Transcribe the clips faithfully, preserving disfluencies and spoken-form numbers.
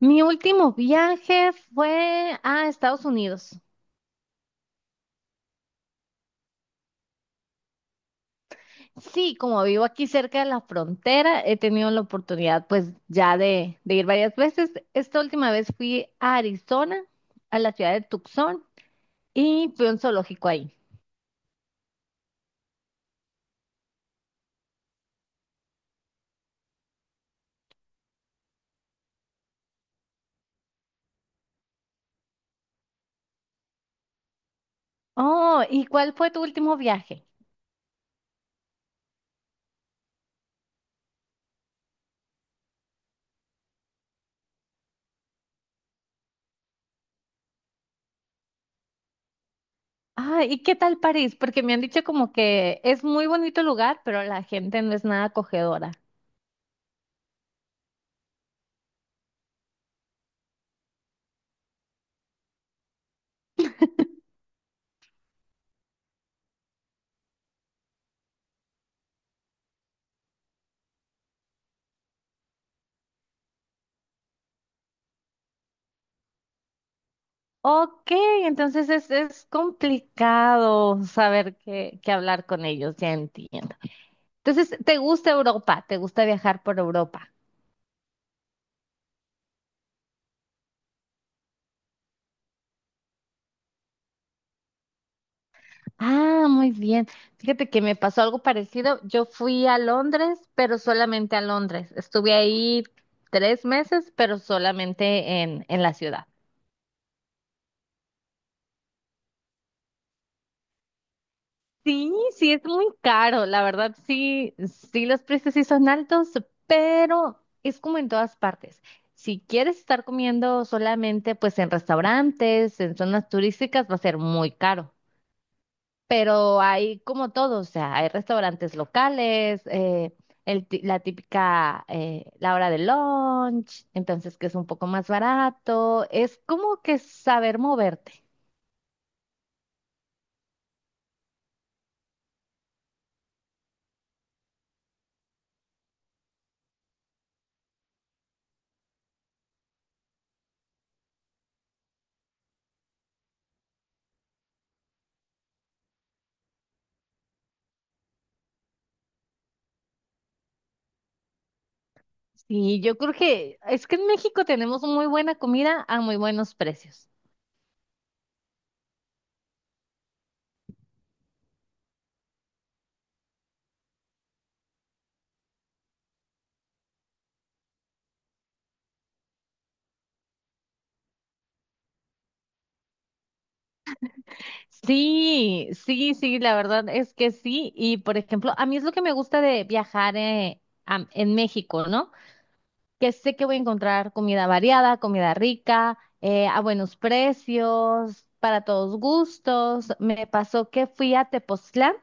Mi último viaje fue a Estados Unidos. Sí, como vivo aquí cerca de la frontera, he tenido la oportunidad pues ya de, de ir varias veces. Esta última vez fui a Arizona, a la ciudad de Tucson, y fui a un zoológico ahí. Oh, ¿y cuál fue tu último viaje? Ah, ¿y qué tal París? Porque me han dicho como que es muy bonito el lugar, pero la gente no es nada acogedora. Ok, entonces es, es complicado saber qué, qué hablar con ellos, ya entiendo. Entonces, ¿te gusta Europa? ¿Te gusta viajar por Europa? Ah, muy bien. Fíjate que me pasó algo parecido. Yo fui a Londres, pero solamente a Londres. Estuve ahí tres meses, pero solamente en, en la ciudad. Sí, sí, es muy caro, la verdad, sí, sí, los precios sí son altos, pero es como en todas partes. Si quieres estar comiendo solamente pues en restaurantes, en zonas turísticas, va a ser muy caro, pero hay como todo, o sea, hay restaurantes locales, eh, el ti- la típica, eh, la hora de lunch, entonces que es un poco más barato, es como que saber moverte. Sí, yo creo que es que en México tenemos muy buena comida a muy buenos precios. Sí, sí, sí, la verdad es que sí. Y por ejemplo, a mí es lo que me gusta de viajar eh, am- en México, ¿no? Que sé que voy a encontrar comida variada, comida rica, eh, a buenos precios, para todos gustos. Me pasó que fui a Tepoztlán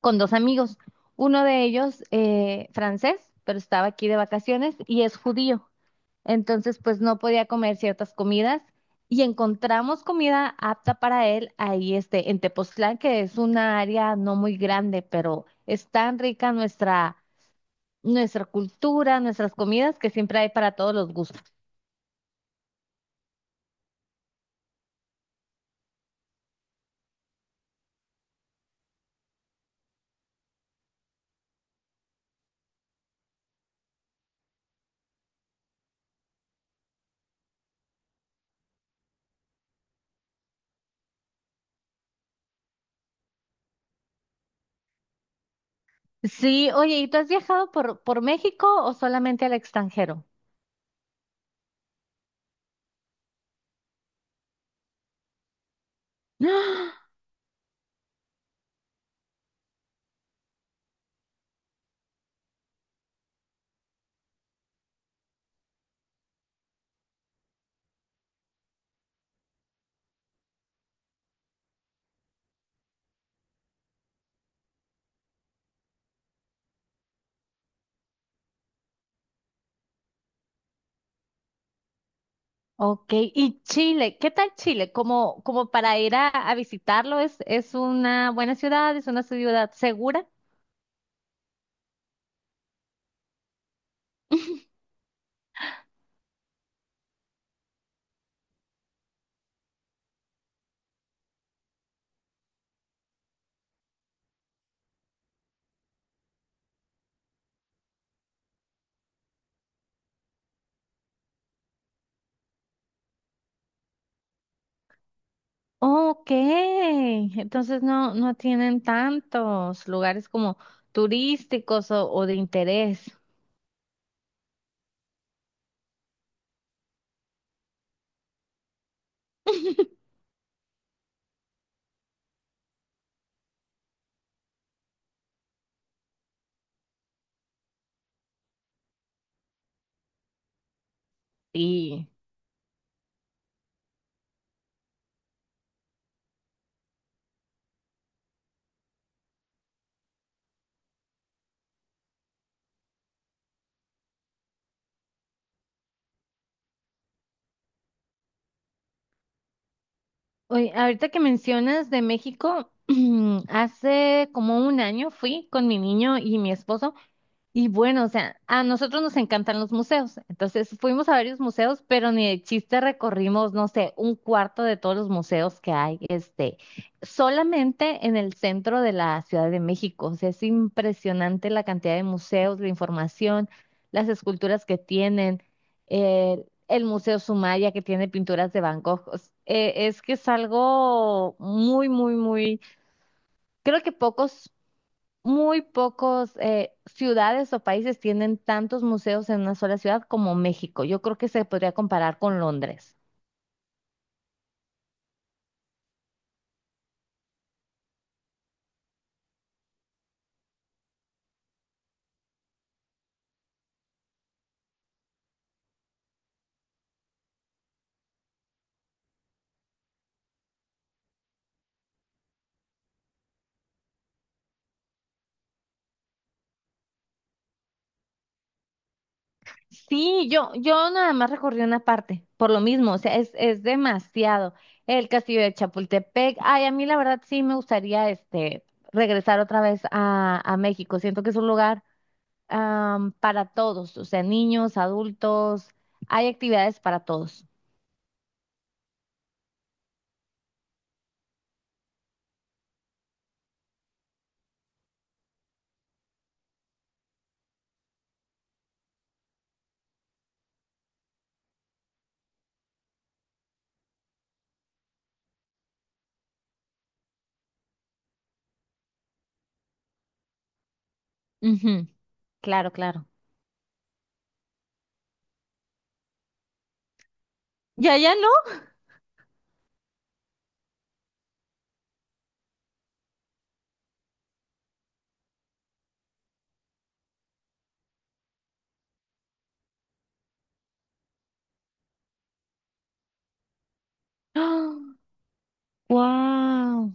con dos amigos, uno de ellos eh, francés, pero estaba aquí de vacaciones y es judío. Entonces, pues no podía comer ciertas comidas y encontramos comida apta para él ahí este, en Tepoztlán, que es una área no muy grande, pero es tan rica nuestra, nuestra cultura, nuestras comidas, que siempre hay para todos los gustos. Sí, oye, ¿y tú has viajado por, por México o solamente al extranjero? ¡Ah! Ok, y Chile, ¿qué tal Chile? Como, como para ir a, a visitarlo, ¿es, es una buena ciudad? ¿Es una ciudad segura? Ok, entonces no, no tienen tantos lugares como turísticos o, o de interés. Y oye, ahorita que mencionas de México, hace como un año fui con mi niño y mi esposo. Y bueno, o sea, a nosotros nos encantan los museos. Entonces fuimos a varios museos, pero ni de chiste recorrimos, no sé, un cuarto de todos los museos que hay, este, solamente en el centro de la Ciudad de México. O sea, es impresionante la cantidad de museos, la información, las esculturas que tienen, eh, el Museo Sumaya que tiene pinturas de Van Gogh. O s- eh, es que es algo muy, muy, muy, creo que pocos muy pocos eh, ciudades o países tienen tantos museos en una sola ciudad como México. Yo creo que se podría comparar con Londres. Sí, yo, yo nada más recorrí una parte, por lo mismo, o sea, es, es demasiado. El castillo de Chapultepec, ay, a mí la verdad sí me gustaría este regresar otra vez a, a México. Siento que es un lugar am, para todos, o sea, niños, adultos, hay actividades para todos. Ujú, claro, claro. Ya, ya no. ¡Wow!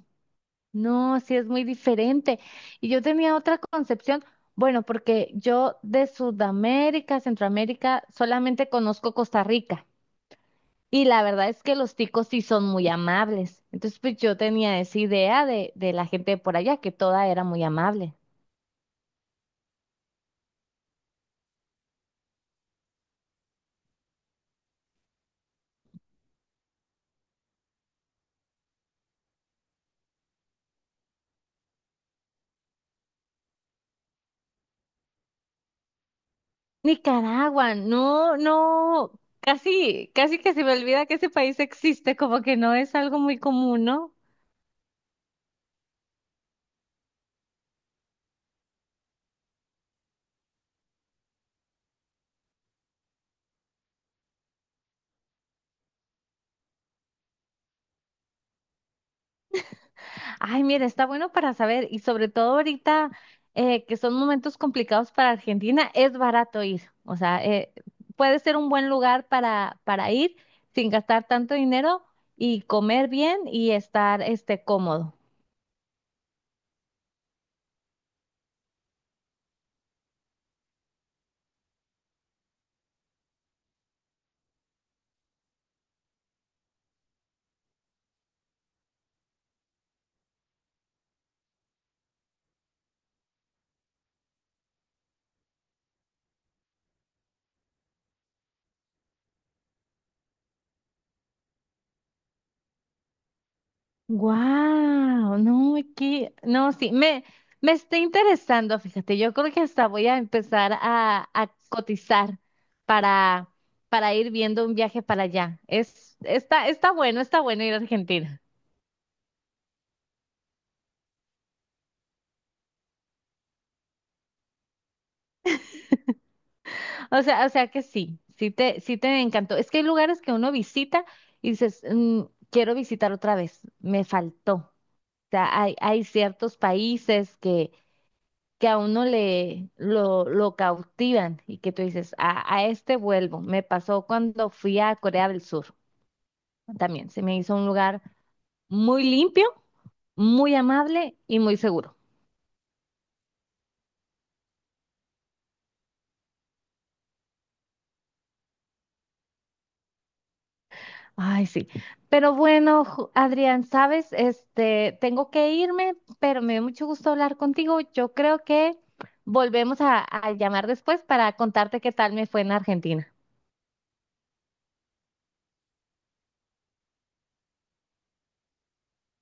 No, sí es muy diferente. Y yo tenía otra concepción, bueno, porque yo de Sudamérica, Centroamérica, solamente conozco Costa Rica. Y la verdad es que los ticos sí son muy amables. Entonces, pues yo tenía esa idea de, de la gente de por allá, que toda era muy amable. Nicaragua, no, no, casi, casi que se me olvida que ese país existe, como que no es algo muy común, ¿no? Ay, mira, está bueno para saber y sobre todo ahorita eh, que son momentos complicados para Argentina, es barato ir. O sea, eh, puede ser un buen lugar para, para ir sin gastar tanto dinero y comer bien y estar este, cómodo. Wow, no, aquí, no, sí, me, me está interesando, fíjate, yo creo que hasta voy a empezar a, a cotizar para, para ir viendo un viaje para allá. Es, está, está bueno, está bueno ir a Argentina. O sea, o sea que sí, sí te, sí te encantó. Es que hay lugares que uno visita y dices, "Mm, quiero visitar otra vez, me faltó. O sea, hay, hay ciertos países que, que a uno le lo, lo cautivan y que tú dices, a, a este vuelvo. Me pasó cuando fui a Corea del Sur también. Se me hizo un lugar muy limpio, muy amable y muy seguro. Ay, sí. Pero bueno, Ju- Adrián, sabes, este, tengo que irme, pero me dio mucho gusto hablar contigo. Yo creo que volvemos a, a llamar después para contarte qué tal me fue en Argentina.